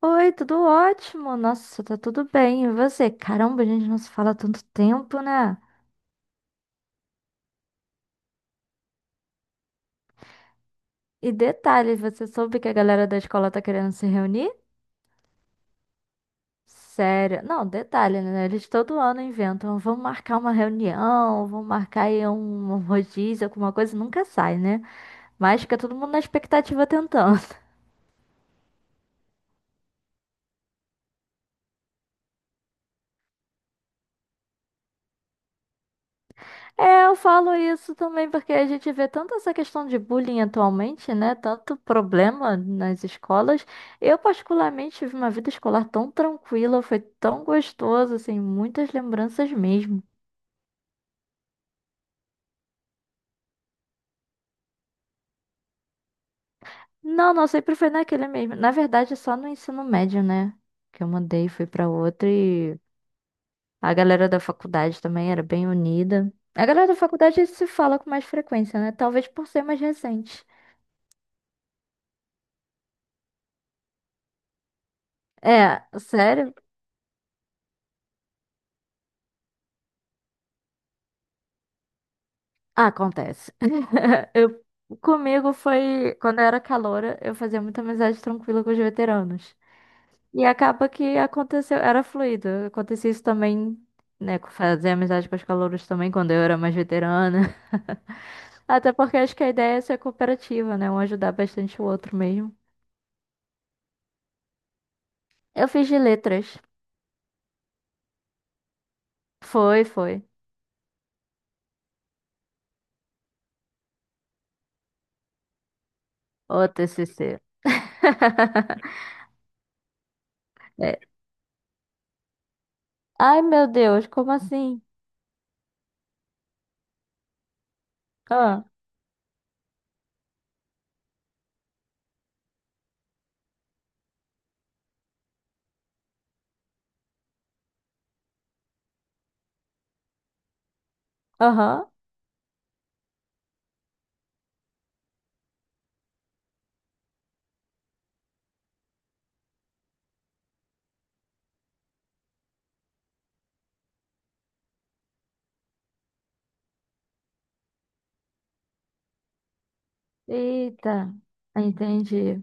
Oi, tudo ótimo? Nossa, tá tudo bem. E você? Caramba, a gente não se fala há tanto tempo, né? E detalhe, você soube que a galera da escola tá querendo se reunir? Sério? Não, detalhe, né? Eles todo ano inventam, vão marcar uma reunião, vão marcar aí um rodízio, alguma coisa, nunca sai, né? Mas fica todo mundo na expectativa tentando. É, eu falo isso também porque a gente vê tanto essa questão de bullying atualmente, né? Tanto problema nas escolas. Eu, particularmente, tive uma vida escolar tão tranquila, foi tão gostoso, assim, muitas lembranças mesmo. Não, não, sempre foi naquele mesmo. Na verdade, só no ensino médio, né? Que eu mudei, fui pra outra e a galera da faculdade também era bem unida. A galera da faculdade se fala com mais frequência, né? Talvez por ser mais recente. É, sério? Ah, acontece. Eu, comigo foi, quando eu era caloura, eu fazia muita amizade tranquila com os veteranos. E acaba que aconteceu, era fluido. Acontecia isso também, né? Fazer amizade com os calouros também, quando eu era mais veterana. Até porque acho que a ideia é ser cooperativa, né? Um ajudar bastante o outro mesmo. Eu fiz de letras. Foi, foi. O TCC. É. Ai, meu Deus, como assim? Ah, aham. Eita, entendi.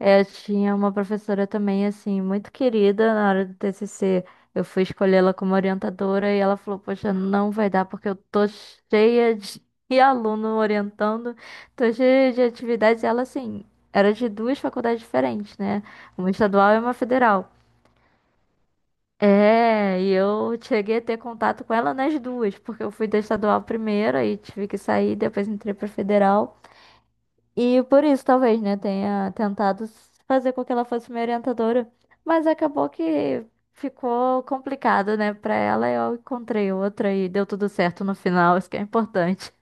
Eu tinha uma professora também, assim, muito querida na hora do TCC. Eu fui escolher ela como orientadora e ela falou: Poxa, não vai dar porque eu tô cheia de de aluno orientando, tô cheia de atividades. E ela, assim, era de duas faculdades diferentes, né? Uma estadual e uma federal. É, e eu cheguei a ter contato com ela nas duas, porque eu fui da estadual primeiro e tive que sair, depois entrei pra federal. E por isso, talvez, né, tenha tentado fazer com que ela fosse minha orientadora. Mas acabou que ficou complicado, né, pra ela. Eu encontrei outra e deu tudo certo no final. Isso que é importante.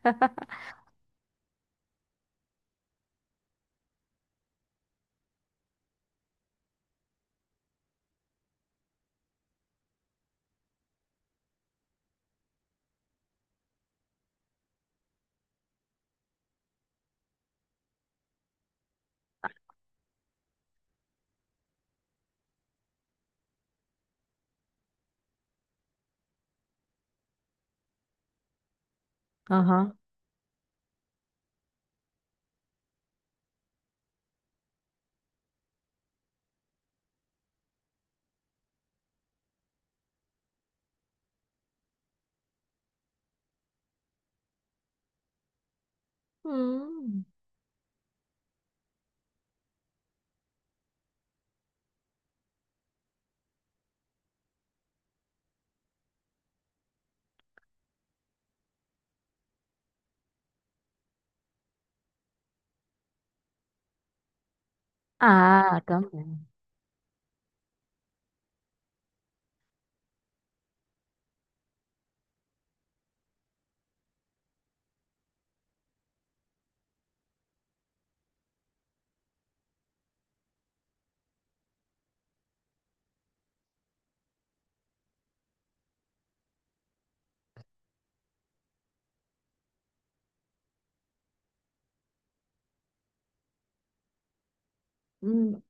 Aham. Hum. Ah, também. Hum.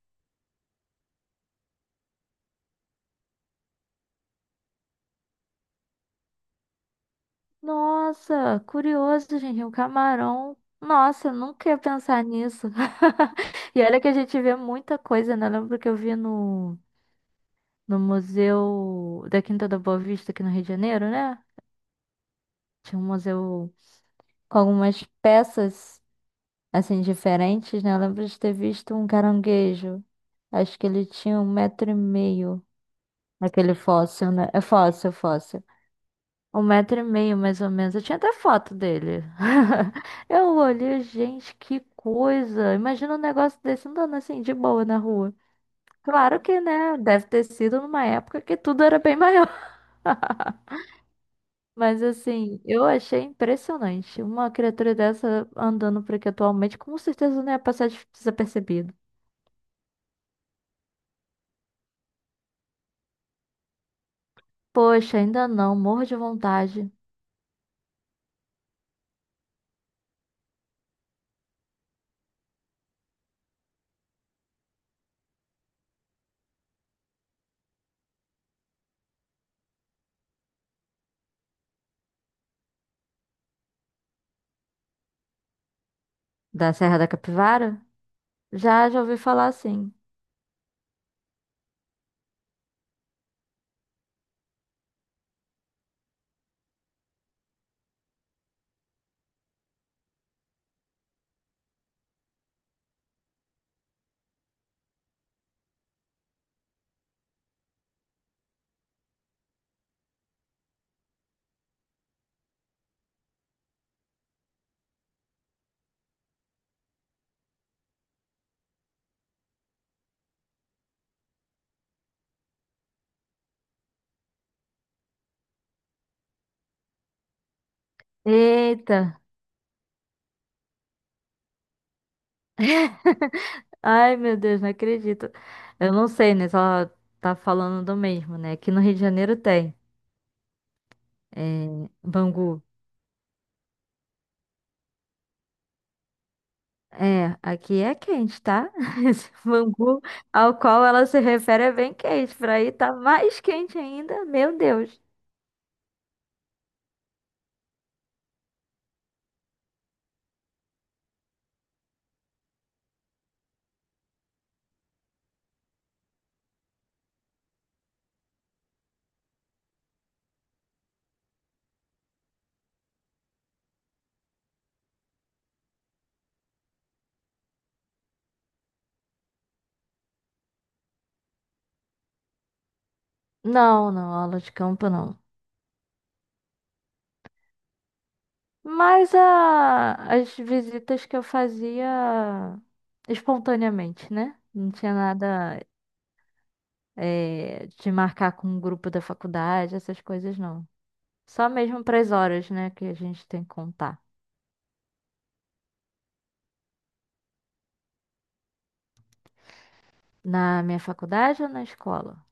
Nossa, curioso, gente. Um camarão. Nossa, eu nunca ia pensar nisso. E olha que a gente vê muita coisa, né? Eu lembro que eu vi no Museu da Quinta da Boa Vista aqui no Rio de Janeiro, né? Tinha um museu com algumas peças, assim, diferentes, né? Eu lembro de ter visto um caranguejo. Acho que ele tinha um metro e meio. Aquele fóssil, né? É fóssil, fóssil. Um metro e meio, mais ou menos. Eu tinha até foto dele. Eu olhei, gente, que coisa. Imagina um negócio desse andando assim, de boa na rua. Claro que, né? Deve ter sido numa época que tudo era bem maior. Mas assim, eu achei impressionante. Uma criatura dessa andando por aqui atualmente, com certeza não ia passar desapercebido. Poxa, ainda não, morro de vontade. Da Serra da Capivara? Já, já ouvi falar assim. Eita! Ai, meu Deus, não acredito. Eu não sei, né? Só tá falando do mesmo, né? Aqui no Rio de Janeiro tem. É, Bangu. É, aqui é quente, tá? Esse mangu ao qual ela se refere é bem quente. Por aí tá mais quente ainda, meu Deus. Não, não, aula de campo não. Mas a, as visitas que eu fazia espontaneamente, né? Não tinha nada de marcar com o grupo da faculdade, essas coisas não. Só mesmo para as horas, né, que a gente tem que contar. Na minha faculdade ou na escola?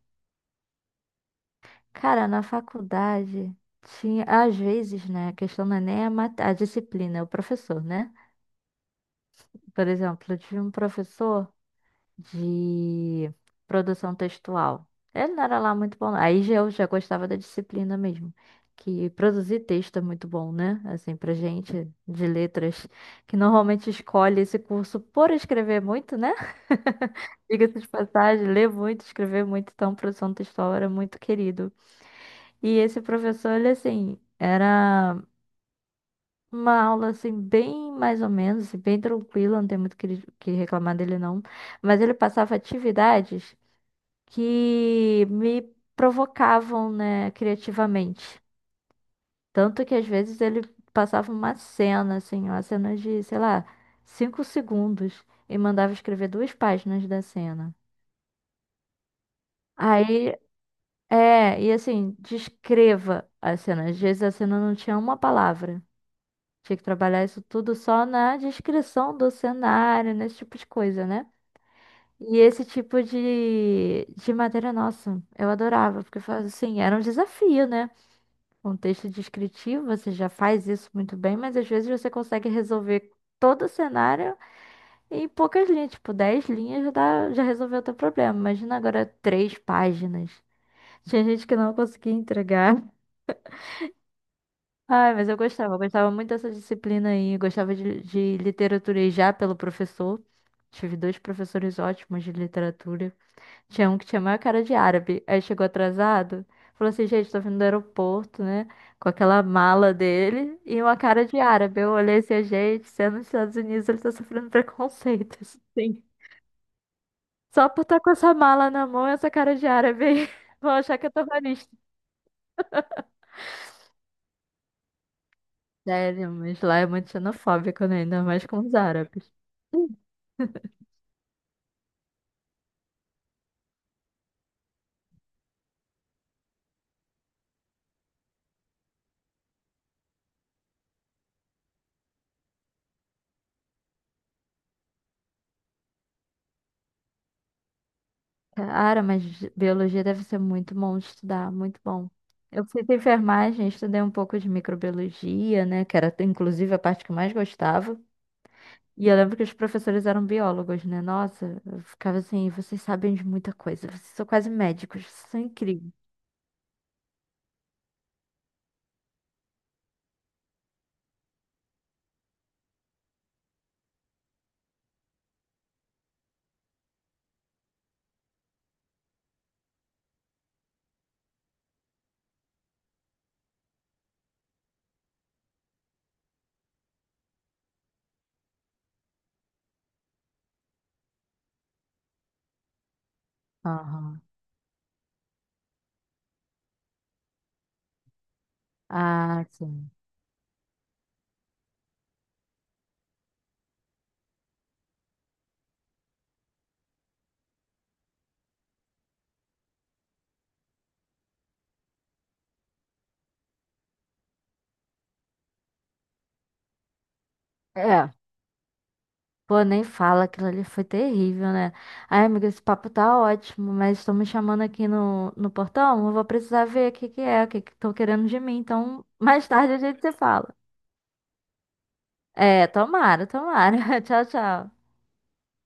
Cara, na faculdade tinha, às vezes, né? A questão não é nem a disciplina, é o professor, né? Por exemplo, eu tive um professor de produção textual. Ele não era lá muito bom. Aí já eu já gostava da disciplina mesmo. Que produzir texto é muito bom, né? Assim, pra gente de letras, que normalmente escolhe esse curso por escrever muito, né? Diga-se de passagem, ler muito, escrever muito, então produção textual era muito querido. E esse professor, ele assim, era uma aula assim, bem mais ou menos, assim, bem tranquila, não tem muito o que reclamar dele não. Mas ele passava atividades que me provocavam, né, criativamente. Tanto que às vezes ele passava uma cena, assim, uma cena de, sei lá, 5 segundos e mandava escrever 2 páginas da cena. Aí, é, e assim, descreva a cena. Às vezes a cena não tinha uma palavra. Tinha que trabalhar isso tudo só na descrição do cenário, nesse tipo de coisa, né? E esse tipo de matéria, nossa, eu adorava, porque assim, era um desafio, né? Um texto descritivo, você já faz isso muito bem, mas às vezes você consegue resolver todo o cenário em poucas linhas, tipo, 10 linhas já, dá, já resolveu o teu problema. Imagina agora 3 páginas. Tinha gente que não conseguia entregar. Ai, mas eu gostava muito dessa disciplina aí. Eu gostava de literatura e já pelo professor. Tive dois professores ótimos de literatura. Tinha um que tinha a maior cara de árabe. Aí chegou atrasado, falou assim: gente, tô vindo do aeroporto, né? Com aquela mala dele e uma cara de árabe. Eu olhei assim: "Ah, gente, sendo nos Estados Unidos, ele tá sofrendo preconceitos. Sim. Só por estar com essa mala na mão e essa cara de árabe aí, vão achar que é terrorista. Sério, mas lá é muito xenofóbico, né? Ainda mais com os árabes. Cara, mas biologia deve ser muito bom de estudar, muito bom. Eu fiz enfermagem, estudei um pouco de microbiologia, né? Que era inclusive a parte que eu mais gostava. E eu lembro que os professores eram biólogos, né? Nossa, eu ficava assim, vocês sabem de muita coisa, vocês são quase médicos, vocês são incríveis. Aham. Ah, sim. É. Pô, nem fala, aquilo ali foi terrível, né? Ai, amiga, esse papo tá ótimo, mas estão me chamando aqui no portão, eu vou precisar ver o que que é, o que que estão querendo de mim. Então, mais tarde a gente se fala. É, tomara, tomara. Tchau, tchau.